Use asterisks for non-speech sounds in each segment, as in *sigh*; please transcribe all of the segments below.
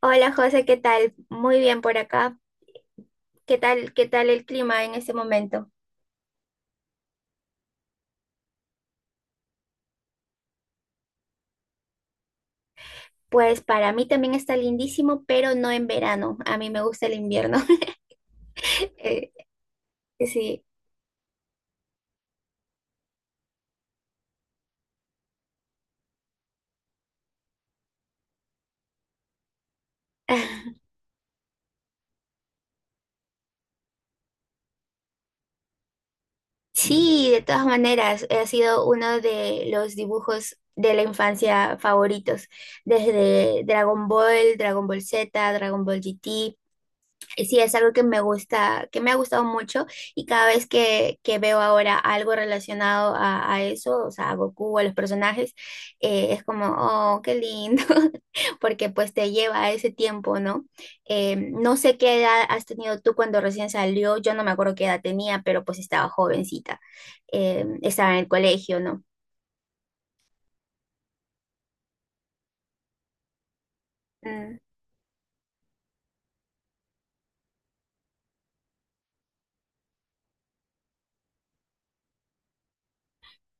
Hola José, ¿qué tal? Muy bien por acá. ¿Qué tal el clima en este momento? Pues para mí también está lindísimo, pero no en verano. A mí me gusta el invierno. *laughs* Eh, sí. *laughs* Sí, de todas maneras, ha sido uno de los dibujos de la infancia favoritos, desde Dragon Ball, Dragon Ball Z, Dragon Ball GT. Sí, es algo que me gusta, que me ha gustado mucho y cada vez que veo ahora algo relacionado a eso, o sea, a Goku, a los personajes, es como, oh, qué lindo, *laughs* porque pues te lleva a ese tiempo, ¿no? No sé qué edad has tenido tú cuando recién salió, yo no me acuerdo qué edad tenía, pero pues estaba jovencita, estaba en el colegio, ¿no?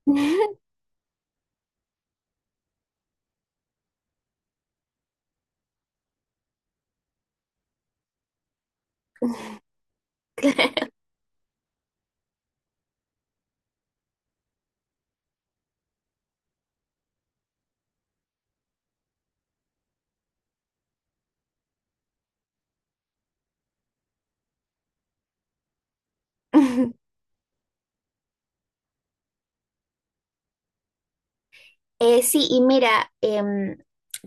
Mm, *laughs* claro. *laughs* Sí, y mira,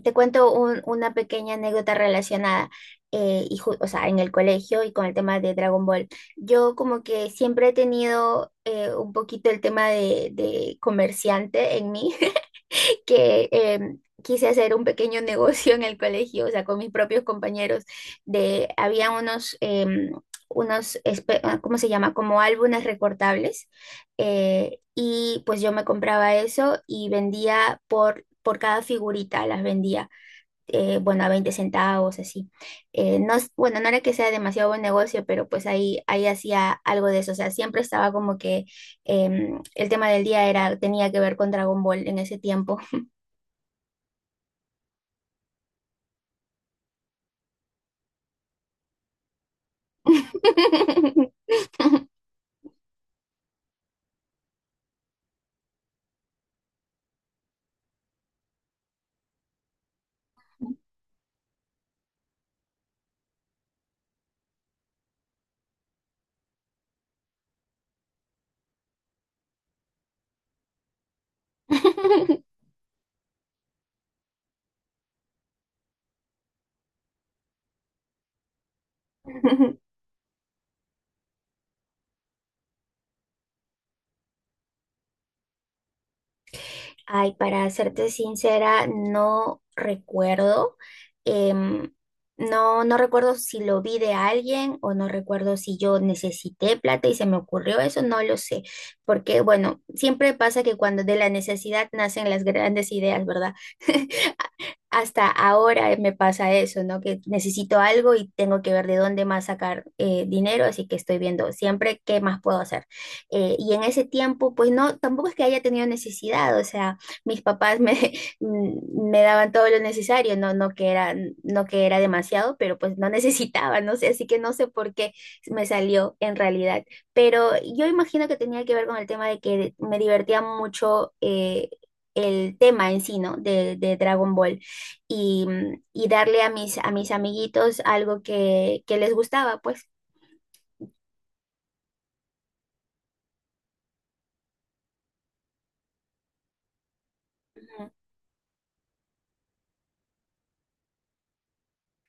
te cuento una pequeña anécdota relacionada, y o sea, en el colegio y con el tema de Dragon Ball. Yo como que siempre he tenido un poquito el tema de comerciante en mí, *laughs* que quise hacer un pequeño *laughs* negocio en el colegio, o sea, con mis propios compañeros, había unos, ah, ¿cómo se llama? Como álbumes recortables, y pues yo me compraba eso y vendía por cada figurita, las vendía, bueno, a 20 centavos, así. No, bueno, no era que sea demasiado buen negocio, pero pues ahí hacía algo de eso, o sea, siempre estaba como que el tema del día era, tenía que ver con Dragon Ball en ese tiempo. *laughs* Ay, para serte sincera, no recuerdo. em, no recuerdo si lo vi de alguien o no recuerdo si yo necesité plata y se me ocurrió eso, no lo sé. Porque, bueno, siempre pasa que cuando de la necesidad nacen las grandes ideas, ¿verdad? Hasta ahora me pasa eso, ¿no? Que necesito algo y tengo que ver de dónde más sacar dinero, así que estoy viendo siempre qué más puedo hacer. Y en ese tiempo, pues no, tampoco es que haya tenido necesidad, o sea, mis papás *laughs* me daban todo lo necesario, no, no que era demasiado, pero pues no necesitaba, no sé, así que no sé por qué me salió en realidad. Pero yo imagino que tenía que ver con el tema de que me divertía mucho. El tema en sí, ¿no? De Dragon Ball y darle a mis amiguitos algo que les gustaba, pues. Ujú.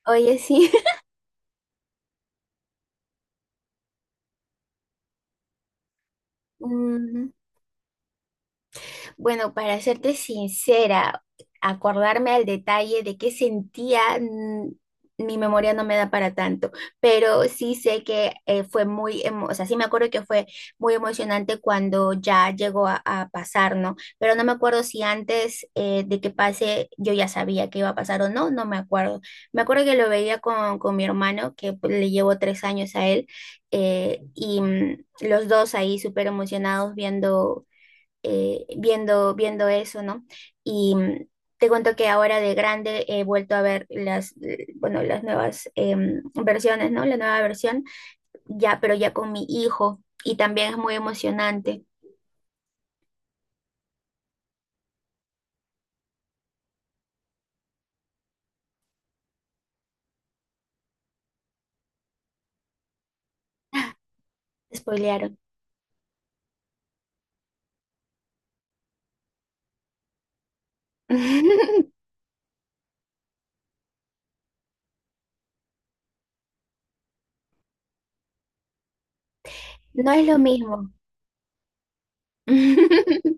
Oye, sí. *laughs* Mm, Bueno, para serte sincera, acordarme al detalle de qué sentía, mi memoria no me da para tanto, pero sí sé que o sea, sí me acuerdo que fue muy emocionante cuando ya llegó a pasar, ¿no? Pero no me acuerdo si antes de que pase yo ya sabía que iba a pasar o no, no me acuerdo. Me acuerdo que lo veía con mi hermano, que pues, le llevo 3 años a él, y los dos ahí súper emocionados viendo eso, ¿no? Y te cuento que ahora de grande he vuelto a ver bueno, las nuevas versiones, ¿no? La nueva versión, ya, pero ya con mi hijo, y también es muy emocionante. Spoilearon. *laughs* No es lo mismo. *laughs*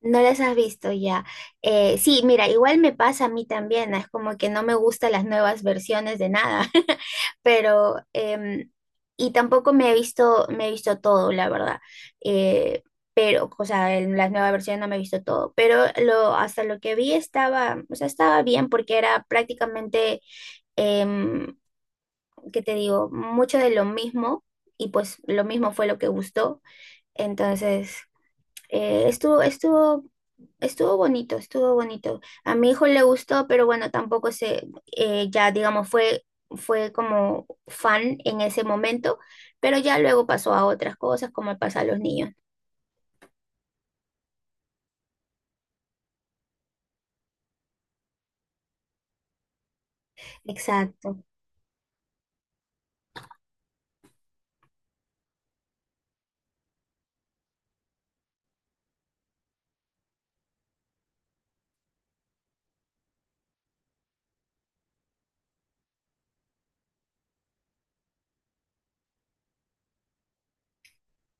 No las has visto ya. Sí, mira, igual me pasa a mí también, ¿no? Es como que no me gustan las nuevas versiones de nada, *laughs* pero y tampoco me he visto todo, la verdad. Eh, pero, o sea, en las nuevas versiones no me he visto todo, pero hasta lo que vi o sea, estaba bien porque era prácticamente, em, ¿qué te digo? Mucho de lo mismo y pues lo mismo fue lo que gustó. Entonces, eh, estuvo, estuvo, estuvo bonito, estuvo bonito. A mi hijo le gustó, pero bueno, tampoco se, ya digamos, fue como fan en ese momento, pero ya luego pasó a otras cosas, como pasa a los niños. Exacto.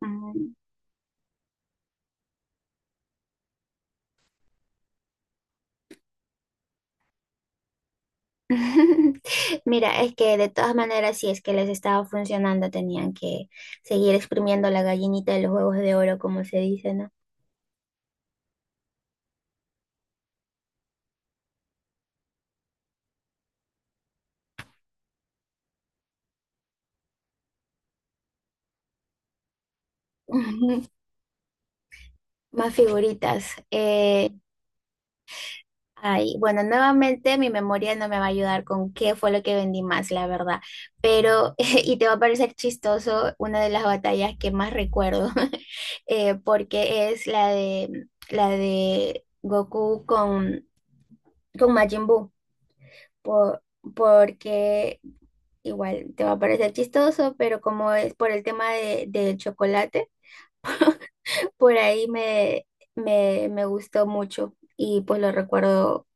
Mm. *laughs* Mira, es que de todas maneras, si es que les estaba funcionando, tenían que seguir exprimiendo la gallinita de los huevos de oro, como se dice, ¿no? *laughs* Más figuritas. Ay, bueno, nuevamente mi memoria no me va a ayudar con qué fue lo que vendí más, la verdad. Pero, *laughs* y te va a parecer chistoso, una de las batallas que más recuerdo, *laughs* porque es la de Goku con Majin Buu. Por- porque igual te va a parecer chistoso, pero como es por el tema del chocolate, por ahí me gustó mucho y pues lo recuerdo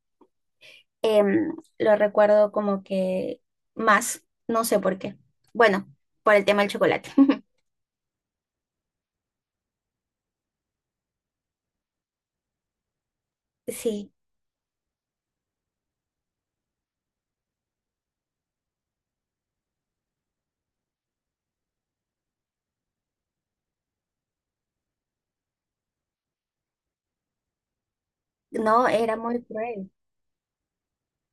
lo recuerdo como que más, no sé por qué. Bueno, por el tema del chocolate. *laughs* Sí, no, era muy cruel.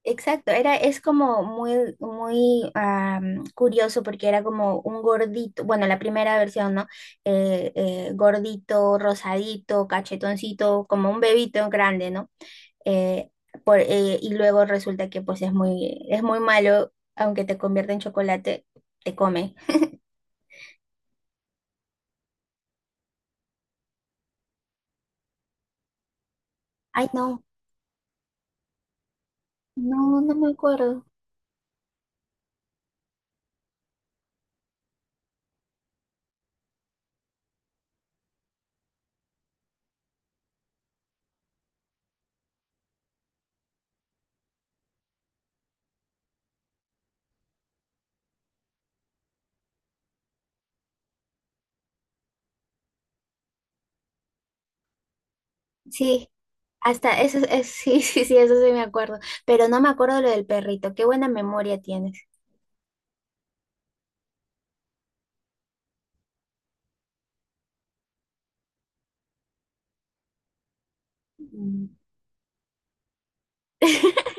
Exacto, es como muy, muy curioso porque era como un gordito, bueno, la primera versión, ¿no? Gordito, rosadito, cachetoncito, como un bebito grande, ¿no? Eh, y luego resulta que pues es muy malo, aunque te convierte en chocolate, te come. Ay, no. No, no me acuerdo. Sí, hasta eso, *laughs* sí, sí, sí, eso sí me acuerdo. Pero no me acuerdo lo del perrito. Qué buena memoria tienes. Mm. *laughs*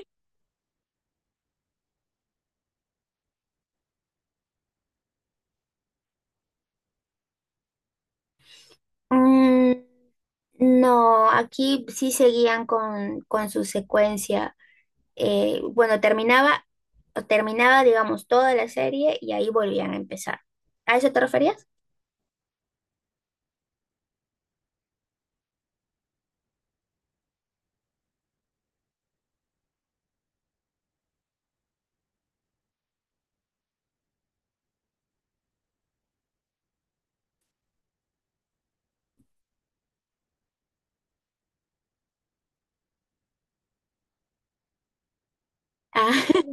Mm, no, aquí sí seguían con su secuencia. Bueno, terminaba, digamos, toda la serie y ahí volvían a empezar. ¿A eso te referías? Ah, *laughs*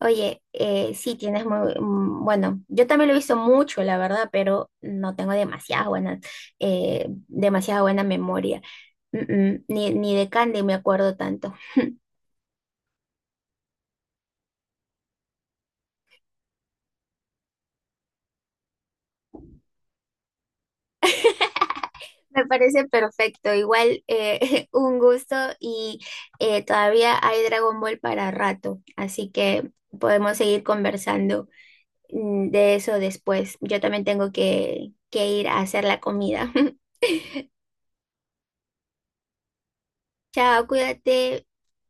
Oye, sí, tienes bueno, yo también lo he visto mucho, la verdad, pero no tengo demasiada buena memoria. Ni de Candy me acuerdo tanto. *laughs* Me parece perfecto, igual *laughs* un gusto y todavía hay Dragon Ball para rato, así que podemos seguir conversando de eso después. Yo también tengo que ir a hacer la comida. *laughs* Chao, cuídate.